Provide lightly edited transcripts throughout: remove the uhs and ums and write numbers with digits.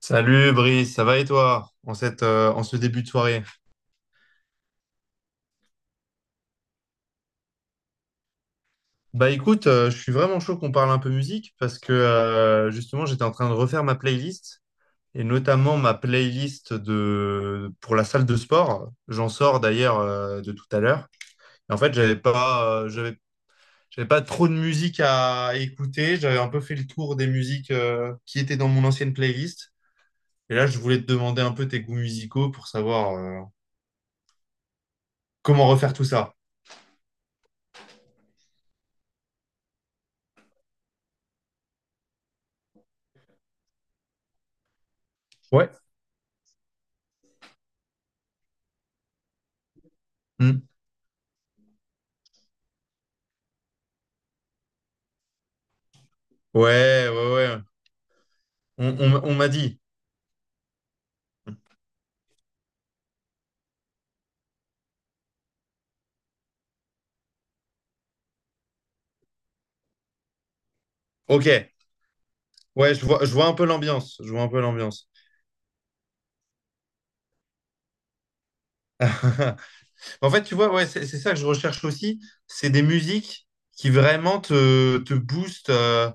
Salut Brice, ça va et toi en en ce début de soirée? Bah écoute, je suis vraiment chaud qu'on parle un peu musique parce que justement j'étais en train de refaire ma playlist et notamment ma playlist de pour la salle de sport. J'en sors d'ailleurs de tout à l'heure. En fait, j'avais pas trop de musique à écouter. J'avais un peu fait le tour des musiques qui étaient dans mon ancienne playlist. Et là, je voulais te demander un peu tes goûts musicaux pour savoir comment refaire tout ça. Ouais. Hmm. Ouais, ouais, ouais. On m'a dit. Ok. Ouais, je vois un peu l'ambiance. Je vois un peu l'ambiance. En fait, tu vois, ouais, c'est ça que je recherche aussi. C'est des musiques qui vraiment te boostent,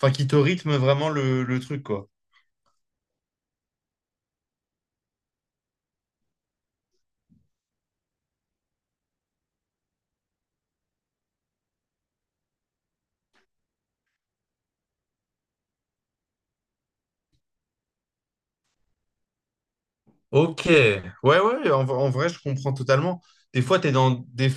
enfin, qui te rythment vraiment le truc, quoi. Ok. Ouais, ouais, en vrai, je comprends totalement. Des fois, t'es dans des,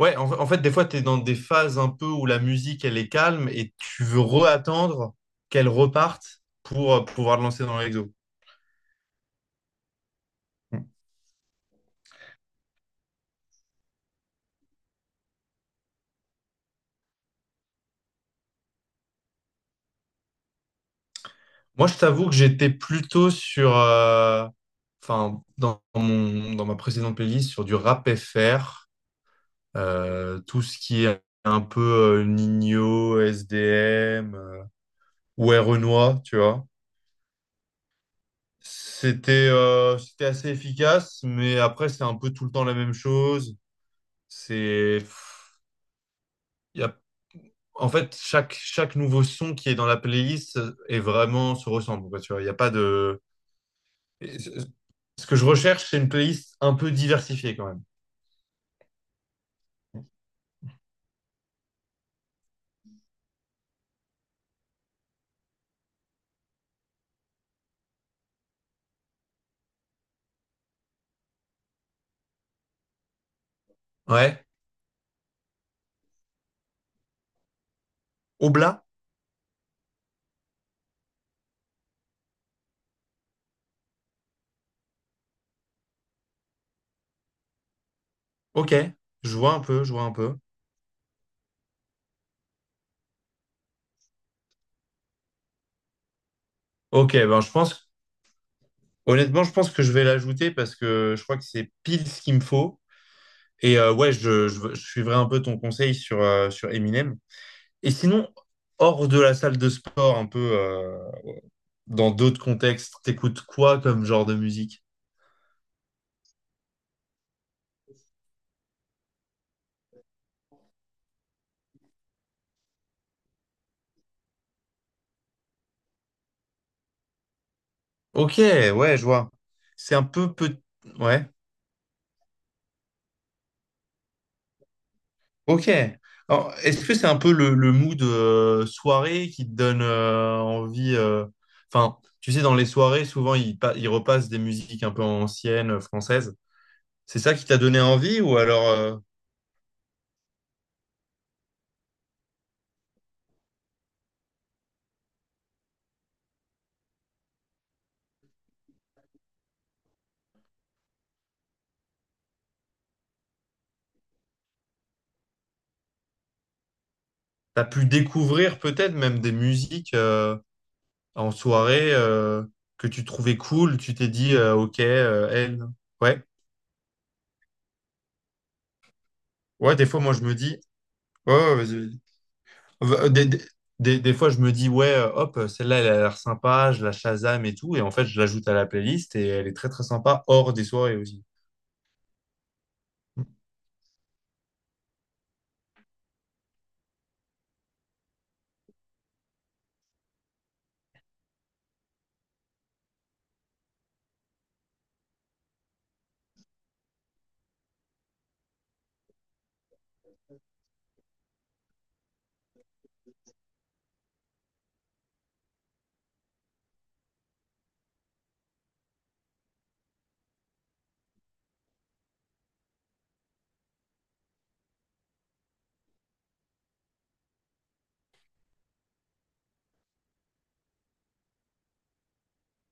Ouais, en fait, des fois, tu es dans des phases un peu où la musique, elle est calme et tu veux reattendre qu'elle reparte pour pouvoir le lancer dans l'exo. Mm. Moi, je t'avoue que j'étais plutôt sur, enfin, dans ma précédente playlist, sur du rap FR, tout ce qui est un peu Ninho, SDM ou Renoir, tu vois. C'était assez efficace, mais après, c'est un peu tout le temps la même chose. C'est, en fait, chaque nouveau son qui est dans la playlist est vraiment se ressemble, quoi, tu vois, il n'y a pas de. Ce que je recherche, c'est une playlist un peu diversifiée quand même. Ouais. Oblat? Ok. Je vois un peu, je vois un peu. Ok, ben je pense, honnêtement, je pense que je vais l'ajouter parce que je crois que c'est pile ce qu'il me faut. Et je suivrai un peu ton conseil sur Eminem. Et sinon, hors de la salle de sport, un peu dans d'autres contextes, t'écoutes quoi comme genre de musique? Ok, ouais, je vois. C'est un peu peut... Ouais, ok. Alors, est-ce que c'est un peu le mood soirée qui te donne envie enfin, tu sais, dans les soirées, souvent, ils repassent des musiques un peu anciennes, françaises. C'est ça qui t'a donné envie ou alors t'as pu découvrir peut-être même des musiques en soirée que tu trouvais cool, tu t'es dit, ok, elle. Ouais, ouais, des fois, moi, je me dis, ouais, ouais, vas-y. Euh, Des, des, des fois, je me dis, ouais, hop, celle-là, elle a l'air sympa, je la Shazam et tout. Et en fait, je l'ajoute à la playlist et elle est très, très sympa hors des soirées aussi. Mm.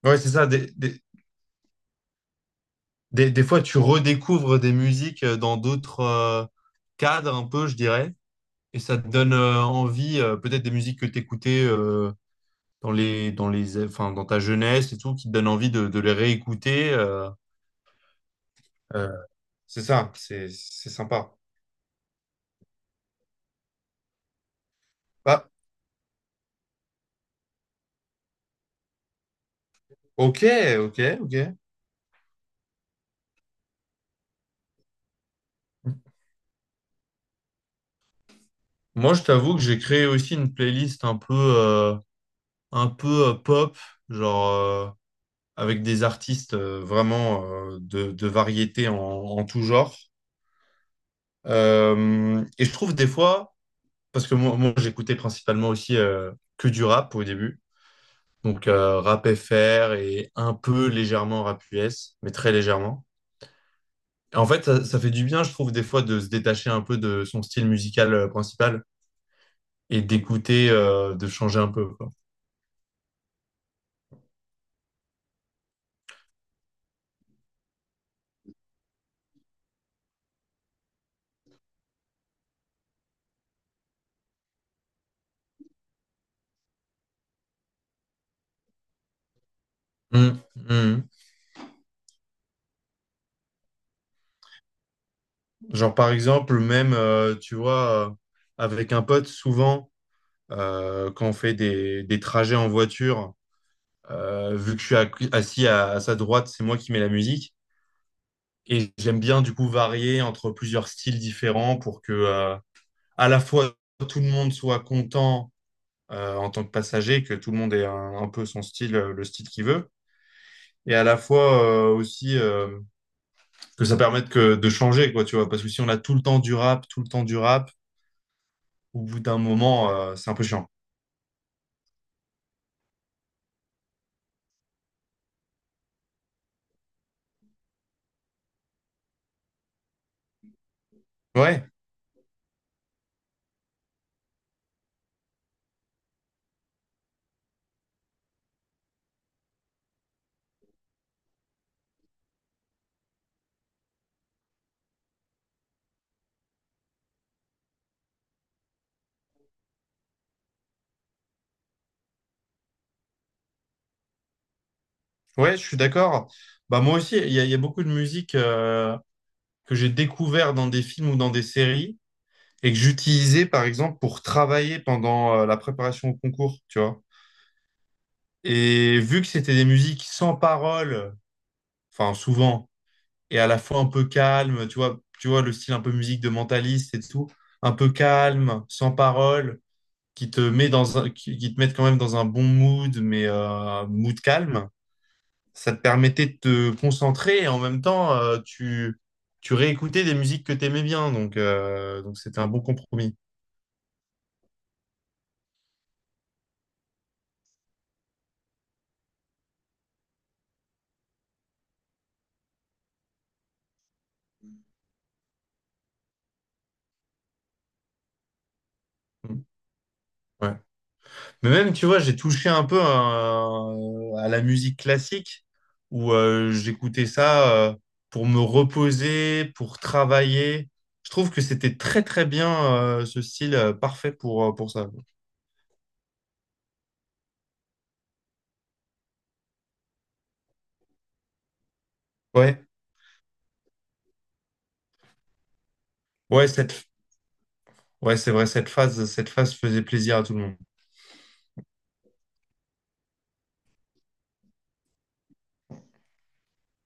Ouais, c'est ça. Des fois, tu redécouvres des musiques dans d'autres cadres, un peu, je dirais. Et ça te donne envie, peut-être des musiques que tu écoutais enfin, dans ta jeunesse et tout, qui te donnent envie de les réécouter. Euh, c'est ça, c'est sympa. Bah, ok, ok, ok. Moi, je t'avoue que j'ai créé aussi une playlist un peu pop, genre euh, avec des artistes vraiment de variété en tout genre. Et je trouve des fois, parce que moi, j'écoutais principalement aussi que du rap au début, donc rap FR et un peu légèrement rap US, mais très légèrement. Et en fait, ça fait du bien, je trouve, des fois de se détacher un peu de son style musical principal et d'écouter, de changer un peu, quoi. Mm, mm. Genre, par exemple, même, tu vois, avec un pote, souvent, quand on fait des trajets en voiture, vu que je suis assis à sa droite, c'est moi qui mets la musique. Et j'aime bien, du coup, varier entre plusieurs styles différents pour que, à la fois, tout le monde soit content, en tant que passager, que tout le monde ait un peu son style, le style qu'il veut. Et à la fois, aussi, que ça de changer, quoi, tu vois. Parce que si on a tout le temps du rap, tout le temps du rap, au bout d'un moment, c'est un peu chiant. Ouais, ouais, je suis d'accord. Bah moi aussi, il y a beaucoup de musique que j'ai découvert dans des films ou dans des séries et que j'utilisais par exemple pour travailler pendant la préparation au concours, tu vois. Et vu que c'était des musiques sans parole, enfin souvent, et à la fois un peu calme, tu vois le style un peu musique de mentaliste et tout, un peu calme, sans parole, qui te met qui te met quand même dans un bon mood, mais mood calme. Ça te permettait de te concentrer et en même temps, tu réécoutais des musiques que tu aimais bien. Donc c'était un bon compromis. Mm. Ouais. Mais même, tu vois, j'ai touché un peu à la musique classique où j'écoutais ça pour me reposer, pour travailler. Je trouve que c'était très très bien ce style parfait pour ça. Ouais, ouais, cette... ouais, c'est vrai, cette phase faisait plaisir à tout le monde.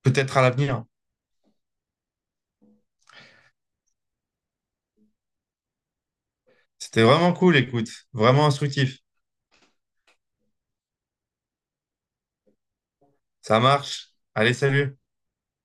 Peut-être à l'avenir. C'était vraiment cool, écoute, vraiment instructif. Ça marche. Allez, salut.